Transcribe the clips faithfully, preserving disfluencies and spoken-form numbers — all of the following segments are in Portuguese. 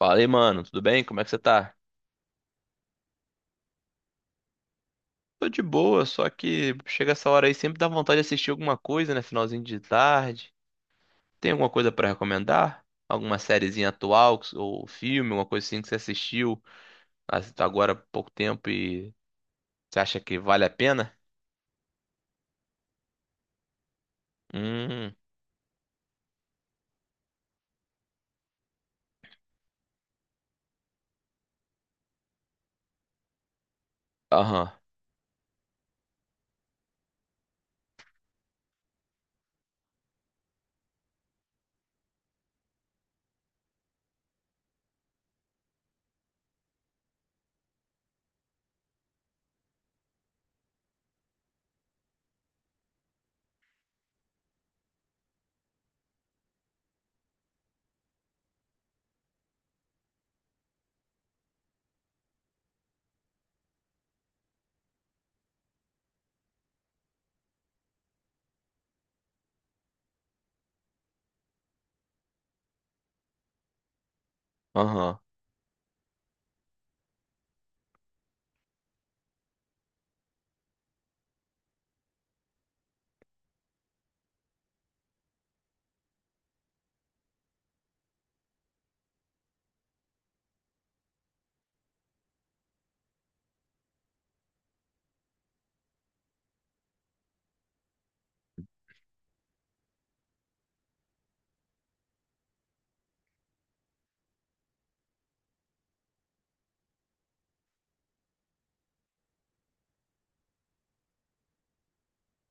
Fala aí, mano, tudo bem? Como é que você tá? Tô de boa, só que chega essa hora aí sempre dá vontade de assistir alguma coisa, né? Finalzinho de tarde. Tem alguma coisa pra recomendar? Alguma sériezinha atual que- ou filme, alguma coisa assim que você assistiu as- agora há pouco tempo e você acha que vale a pena? Hum, aham, aham.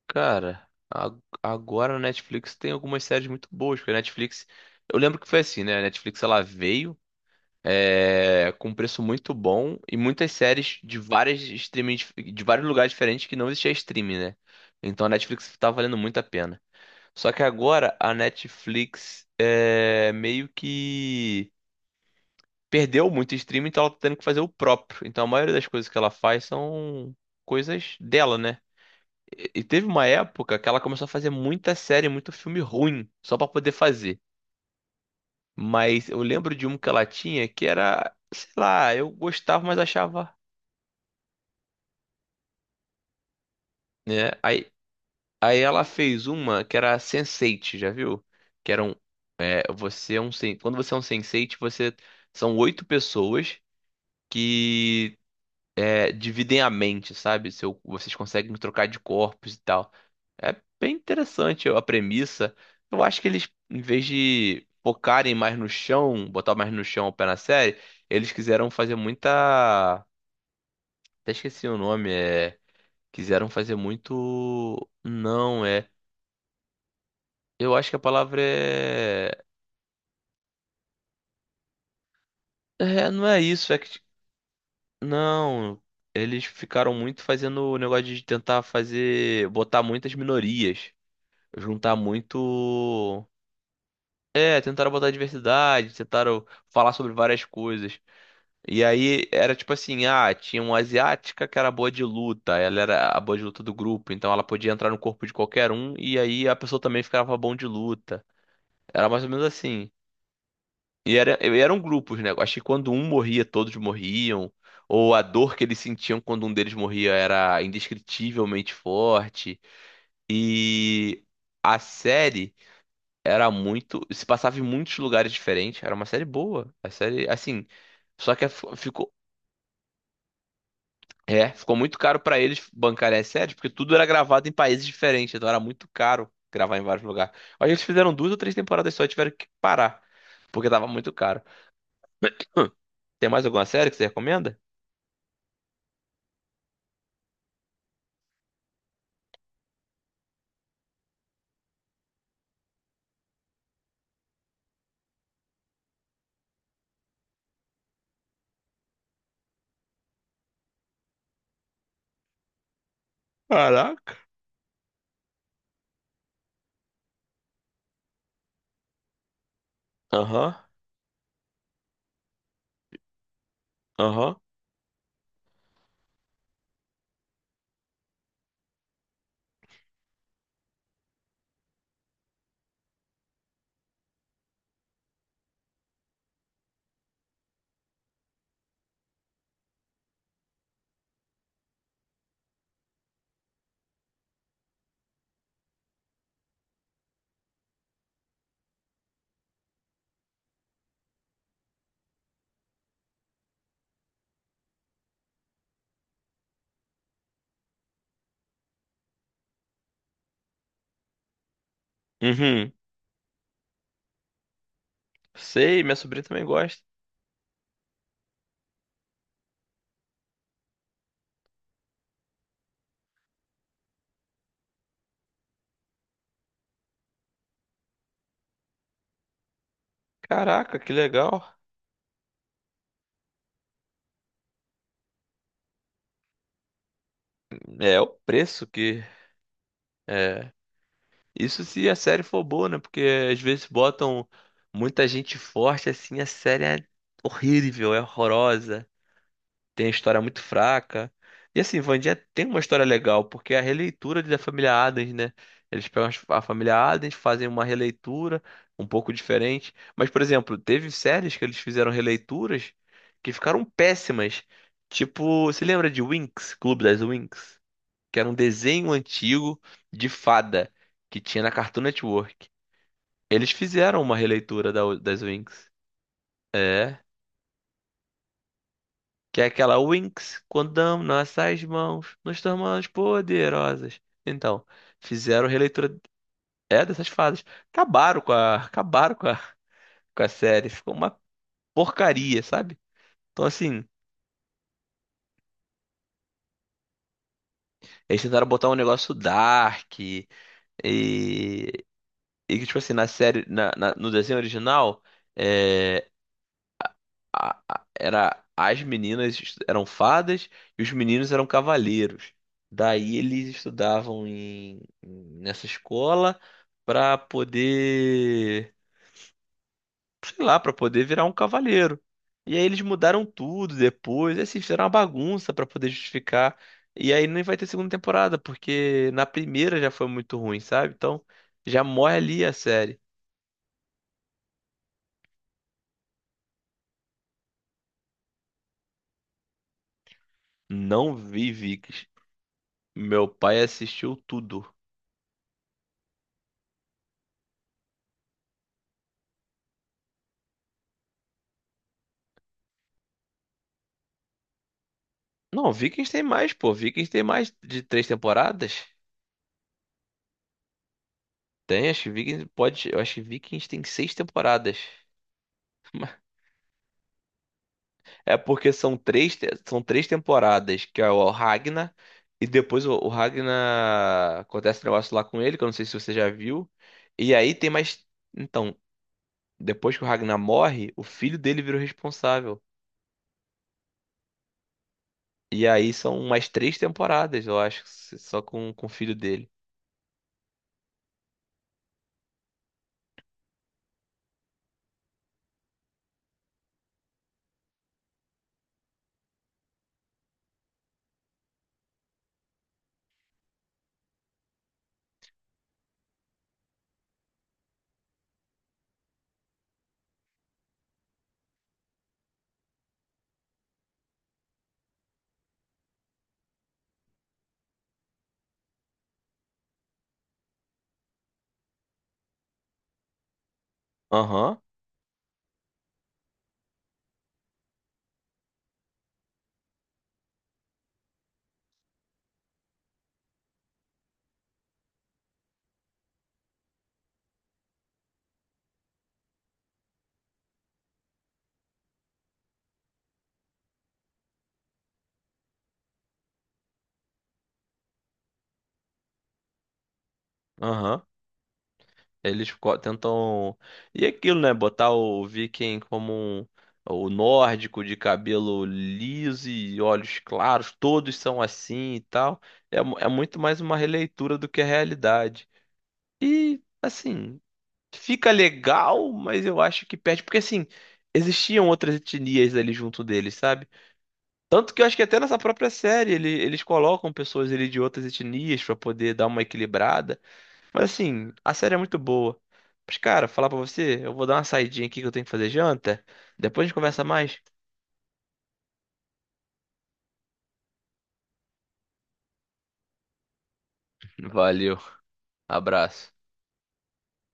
Cara, a- agora a Netflix tem algumas séries muito boas, porque a Netflix. Eu lembro que foi assim, né? A Netflix ela veio. É, com um preço muito bom e muitas séries de várias streaming, de vários lugares diferentes que não existia streaming, né? Então a Netflix tá valendo muito a pena. Só que agora a Netflix é, meio que perdeu muito streaming, então ela tá tendo que fazer o próprio. Então a maioria das coisas que ela faz são coisas dela, né? E e teve uma época que ela começou a fazer muita série, muito filme ruim, só pra poder fazer. Mas eu lembro de um que ela tinha que era, sei lá, eu gostava, mas achava né? Aí, aí ela fez uma que era sense eight, já viu? Que era um, é, você é um, sen- quando você é um sense eight, você são oito pessoas que é, dividem a mente, sabe? Seu, vocês conseguem trocar de corpos e tal. É bem interessante a premissa. Eu acho que eles, em vez de focarem mais no chão, botar mais no chão o pé na série, eles quiseram fazer muita, até esqueci o nome, é, quiseram fazer muito, não, é. Eu acho que a palavra é... é. Não é isso, é que. Não. Eles ficaram muito fazendo o negócio de tentar fazer. Botar muitas minorias. Juntar muito. É, tentaram botar diversidade, tentaram falar sobre várias coisas. E aí era tipo assim: ah, tinha uma asiática que era boa de luta, ela era a boa de luta do grupo, então ela podia entrar no corpo de qualquer um e aí a pessoa também ficava bom de luta. Era mais ou menos assim. E era, e eram grupos, né? Acho que quando um morria, todos morriam. Ou a dor que eles sentiam quando um deles morria era indescritivelmente forte. E a série era muito. Se passava em muitos lugares diferentes. Era uma série boa. A série, assim. Só que f- ficou. É, ficou muito caro pra eles bancarem as séries, porque tudo era gravado em países diferentes. Então era muito caro gravar em vários lugares. Aí eles fizeram duas ou três temporadas só e tiveram que parar, porque tava muito caro. Hum, Tem mais alguma série que você recomenda? Caraca. Aham, aham. Uhum. Sei, minha sobrinha também gosta. Caraca, que legal. É o preço que é. Isso se a série for boa, né? Porque às vezes botam muita gente forte assim, a série é horrível, é horrorosa. Tem história muito fraca. E assim, Wandinha tem uma história legal, porque é a releitura da família Addams, né? Eles pegam as- a família Addams, fazem uma releitura um pouco diferente. Mas, por exemplo, teve séries que eles fizeram releituras que ficaram péssimas. Tipo, você lembra de Winx, Clube das Winx? Que era um desenho antigo de fada que tinha na Cartoon Network. Eles fizeram uma releitura da- das Winx. É. Que é aquela Winx, quando damos nossas mãos, nos tornamos poderosas. Então, fizeram releitura é dessas fadas. Acabaram com a, acabaram com a, com a série, ficou uma porcaria, sabe? Então, assim, eles tentaram botar um negócio dark e e que tipo assim, na série, na, na- no desenho original, é, a- a- era as meninas estu- eram fadas e os meninos eram cavaleiros. Daí eles estudavam em, em- nessa escola para poder, sei lá, para poder virar um cavaleiro. E aí eles mudaram tudo depois, e assim, fizeram uma bagunça para poder justificar. E aí nem vai ter segunda temporada, porque na primeira já foi muito ruim, sabe? Então já morre ali a série. Não vi Vikings. Meu pai assistiu tudo. Não, Vikings tem mais, pô. Vikings tem mais de três temporadas? Tem, acho que Vikings pode. Eu acho que Vikings tem seis temporadas. É porque são três, te- são três temporadas, que é o Ragnar, e depois o, o Ragnar acontece um negócio lá com ele, que eu não sei se você já viu. E aí tem mais. Então, depois que o Ragnar morre, o filho dele vira o responsável. E aí são mais três temporadas, eu acho, só com, com o filho dele. Aham, aham. Eles co- tentam. E aquilo, né? Botar o Viking como um- o nórdico de cabelo liso e olhos claros, todos são assim e tal. É, mu- é muito mais uma releitura do que a realidade. E, assim, fica legal, mas eu acho que perde. Porque, assim, existiam outras etnias ali junto deles, sabe? Tanto que eu acho que até nessa própria série ele- eles colocam pessoas ali de outras etnias pra poder dar uma equilibrada. Mas assim, a série é muito boa. Mas, cara, falar pra você, eu vou dar uma saidinha aqui que eu tenho que fazer janta. Depois a gente conversa mais. Valeu, abraço.